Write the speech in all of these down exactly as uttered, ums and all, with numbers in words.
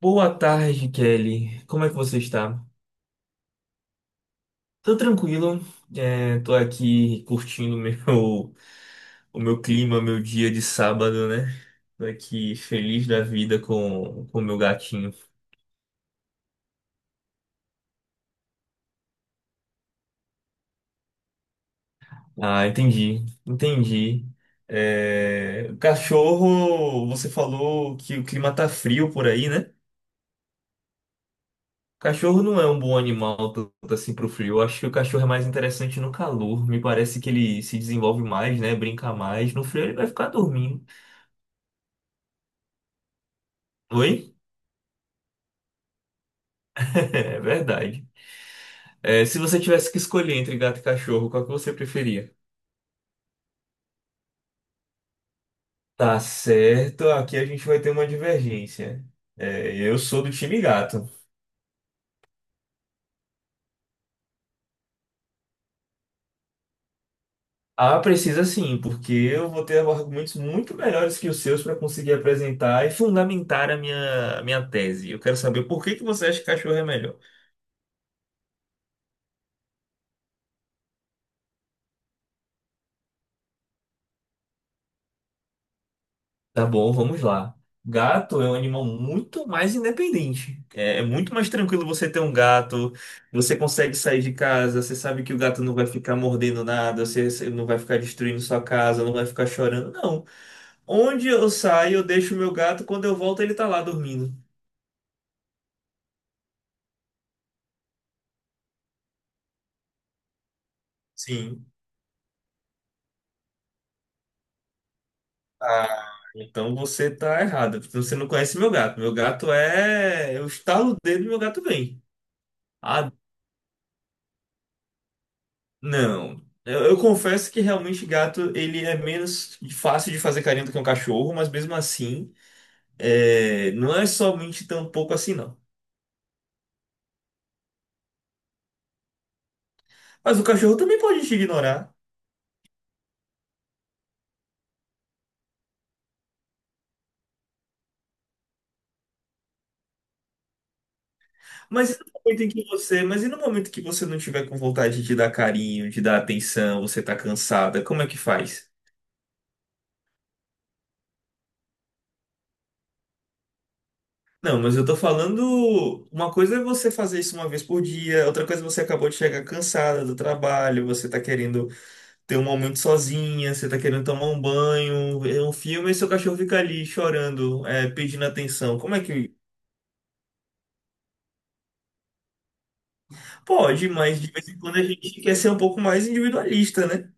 Boa tarde, Kelly. Como é que você está? Tô tranquilo. É, tô aqui curtindo meu, o meu clima, meu dia de sábado, né? Tô aqui feliz da vida com com o meu gatinho. Ah, entendi, entendi. É, o cachorro, você falou que o clima tá frio por aí, né? Cachorro não é um bom animal tanto assim pro frio. Eu acho que o cachorro é mais interessante no calor. Me parece que ele se desenvolve mais, né? Brinca mais. No frio ele vai ficar dormindo. Oi? É verdade. É, se você tivesse que escolher entre gato e cachorro, qual que você preferia? Tá certo, aqui a gente vai ter uma divergência. É, eu sou do time gato. Ah, precisa sim, porque eu vou ter argumentos muito melhores que os seus para conseguir apresentar e fundamentar a minha, a minha tese. Eu quero saber por que que você acha que cachorro é melhor. Tá bom, vamos lá. Gato é um animal muito mais independente. É, é muito mais tranquilo você ter um gato. Você consegue sair de casa, você sabe que o gato não vai ficar mordendo nada, você, você não vai ficar destruindo sua casa, não vai ficar chorando. Não. Onde eu saio, eu deixo o meu gato, quando eu volto, ele tá lá dormindo. Sim. Ah, então você tá errado. porque você não conhece meu gato. Meu gato é. Eu estalo o dedo e meu gato vem. Ah, não. Eu, eu confesso que realmente gato ele é menos fácil de fazer carinho do que um cachorro, mas mesmo assim, é, não é somente tão pouco assim, não. Mas o cachorro também pode te ignorar. Mas e no momento em que você, mas e no momento que você não tiver com vontade de dar carinho, de dar atenção, você tá cansada, como é que faz? Não, mas eu tô falando, uma coisa é você fazer isso uma vez por dia, outra coisa é você acabou de chegar cansada do trabalho, você tá querendo. Tem um momento sozinha, você tá querendo tomar um banho, ver um filme e seu cachorro fica ali chorando, é, pedindo atenção. Como é que. Pode, mas de vez em quando a gente quer ser um pouco mais individualista, né?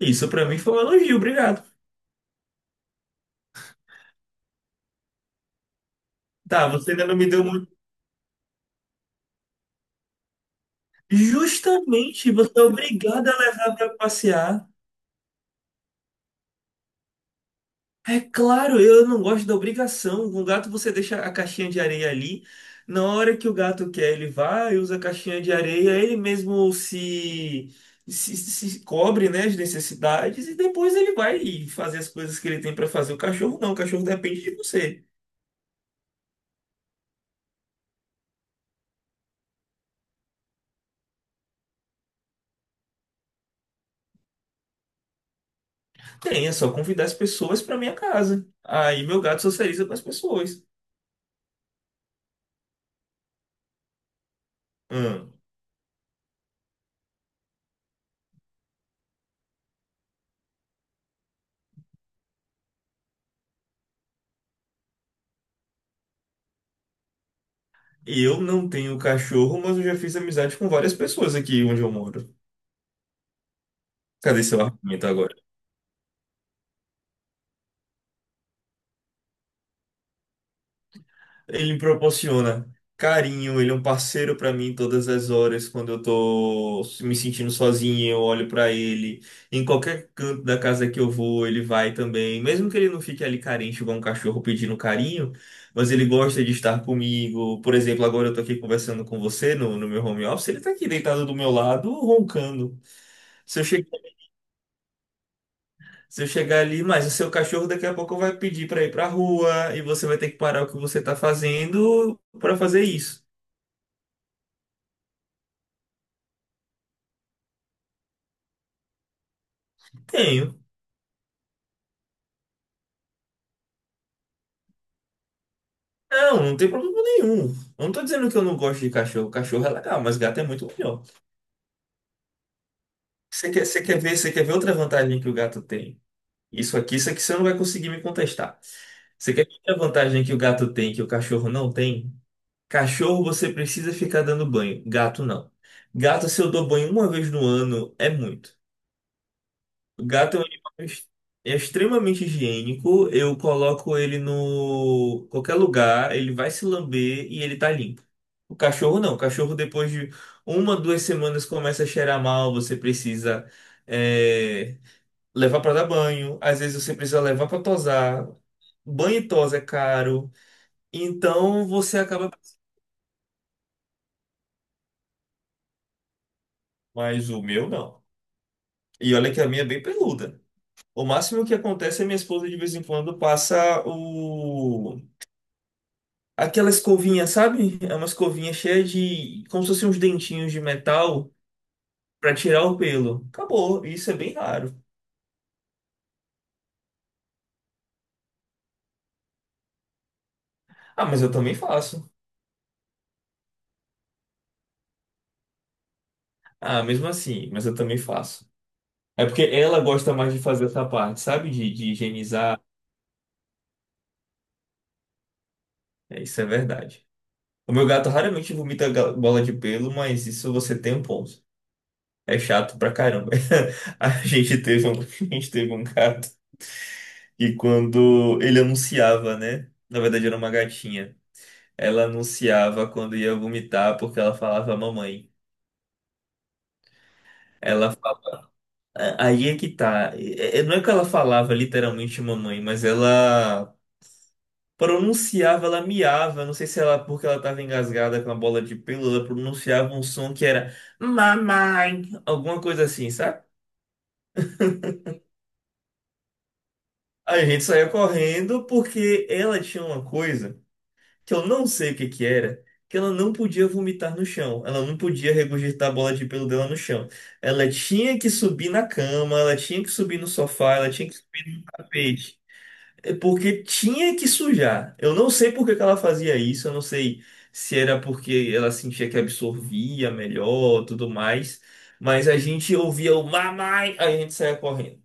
Isso pra mim foi um elogio, obrigado. Tá, você ainda não me deu muito. Justamente, você é obrigado a levar pra passear. É claro, eu não gosto da obrigação. Com o gato você deixa a caixinha de areia ali. Na hora que o gato quer, ele vai, usa a caixinha de areia, ele mesmo se, se, se cobre, né, as necessidades e depois ele vai fazer as coisas que ele tem para fazer. O cachorro não, o cachorro depende de você. Tem, é só convidar as pessoas para minha casa. Aí meu gato socializa com as pessoas. Hum. Eu não tenho cachorro, mas eu já fiz amizade com várias pessoas aqui onde eu moro. Cadê seu argumento agora? Ele me proporciona carinho, ele é um parceiro pra mim todas as horas. Quando eu tô me sentindo sozinho, eu olho pra ele. Em qualquer canto da casa que eu vou, ele vai também. Mesmo que ele não fique ali carente, igual um cachorro pedindo carinho, mas ele gosta de estar comigo. Por exemplo, agora eu tô aqui conversando com você no, no meu home office, ele tá aqui deitado do meu lado, roncando. Se eu, che- Se eu chegar ali, mas o seu cachorro daqui a pouco vai pedir pra ir pra rua e você vai ter que parar o que você tá fazendo pra fazer isso. Tenho. Não, não tem problema nenhum. Eu não tô dizendo que eu não gosto de cachorro. Cachorro é legal, mas gato é muito melhor. Você quer, você quer ver, você quer ver outra vantagem que o gato tem? Isso aqui, isso aqui você não vai conseguir me contestar. Você quer ver outra vantagem que o gato tem que o cachorro não tem? Cachorro você precisa ficar dando banho, gato não. Gato, se eu dou banho uma vez no ano, é muito. O gato é um animal ex- é extremamente higiênico. Eu coloco ele no qualquer lugar, ele vai se lamber e ele tá limpo. O cachorro não. O cachorro, depois de uma, duas semanas, começa a cheirar mal. Você precisa, é, levar pra dar banho. Às vezes você precisa levar pra tosar. Banho e tosa é caro. Então você acaba. Mas o meu não. E olha que a minha é bem peluda. O máximo que acontece é minha esposa de vez em quando passa o. Aquela escovinha, sabe? É uma escovinha cheia de, como se fossem uns dentinhos de metal pra tirar o pelo. Acabou, isso é bem raro. Ah, mas eu também faço. Ah, mesmo assim, mas eu também faço. É porque ela gosta mais de fazer essa parte, sabe? De, de higienizar. É, isso é verdade. O meu gato raramente vomita ga- bola de pelo, mas isso você tem um ponto. É chato pra caramba. A gente teve um, A gente teve um gato e quando ele anunciava, né? Na verdade era uma gatinha. Ela anunciava quando ia vomitar porque ela falava mamãe. Ela fala... Aí é que tá. É- é- Não é que ela falava literalmente mamãe, mas ela pronunciava, ela miava. Não sei se ela, porque ela tava engasgada com a bola de pelo, ela pronunciava um som que era mamãe, alguma coisa assim, sabe? Aí a gente saía correndo porque ela tinha uma coisa que eu não sei o que que era, que ela não podia vomitar no chão, ela não podia regurgitar a bola de pelo dela no chão. Ela tinha que subir na cama, ela tinha que subir no sofá, ela tinha que subir no tapete. É. Porque tinha que sujar. Eu não sei por que que ela fazia isso, eu não sei se era porque ela sentia que absorvia melhor, tudo mais. Mas a gente ouvia o mamãe, aí a gente saía correndo.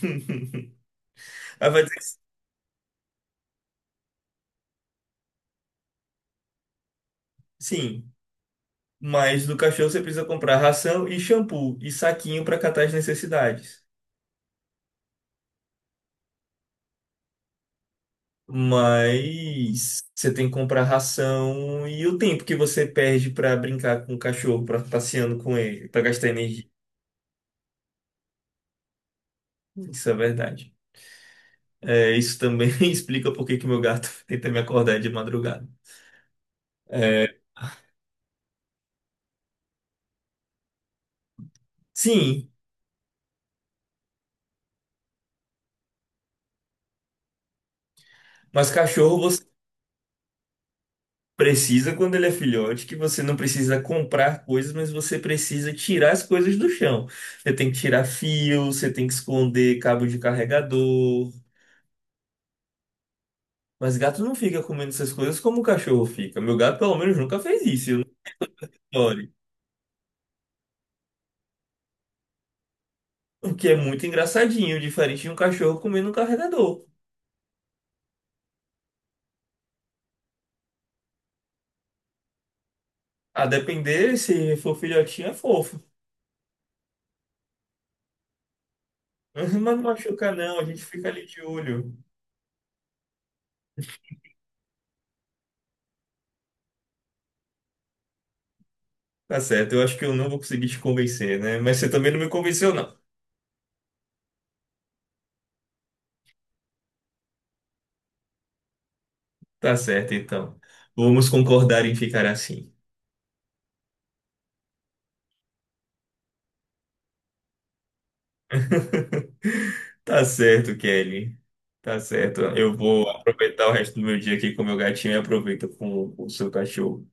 Aí vai dizer, que sim. Mas do cachorro você precisa comprar ração e shampoo e saquinho para catar as necessidades. Mas você tem que comprar ração e o tempo que você perde para brincar com o cachorro, para passeando com ele, para gastar energia. Isso é verdade. É, isso também explica por que que meu gato tenta me acordar de madrugada. É, sim, mas cachorro. Precisa quando ele é filhote, que você não precisa comprar coisas, mas você precisa tirar as coisas do chão. Você tem que tirar fio, você tem que esconder cabo de carregador. Mas gato não fica comendo essas coisas como o cachorro fica. Meu gato, pelo menos, nunca fez isso. Eu não ignore. O que é muito engraçadinho, diferente de um cachorro comendo um carregador. A depender, se for filhotinho, é fofo. Mas não machuca, não. A gente fica ali de olho. Tá certo, eu acho que eu não vou conseguir te convencer, né? Mas você também não me convenceu, não. Tá certo, então. Vamos concordar em ficar assim. Tá certo, Kelly. Tá certo. Eu vou aproveitar o resto do meu dia aqui com o meu gatinho e aproveito com o seu cachorro.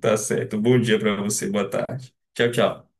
Tá certo. Bom dia pra você. Boa tarde. Tchau, tchau.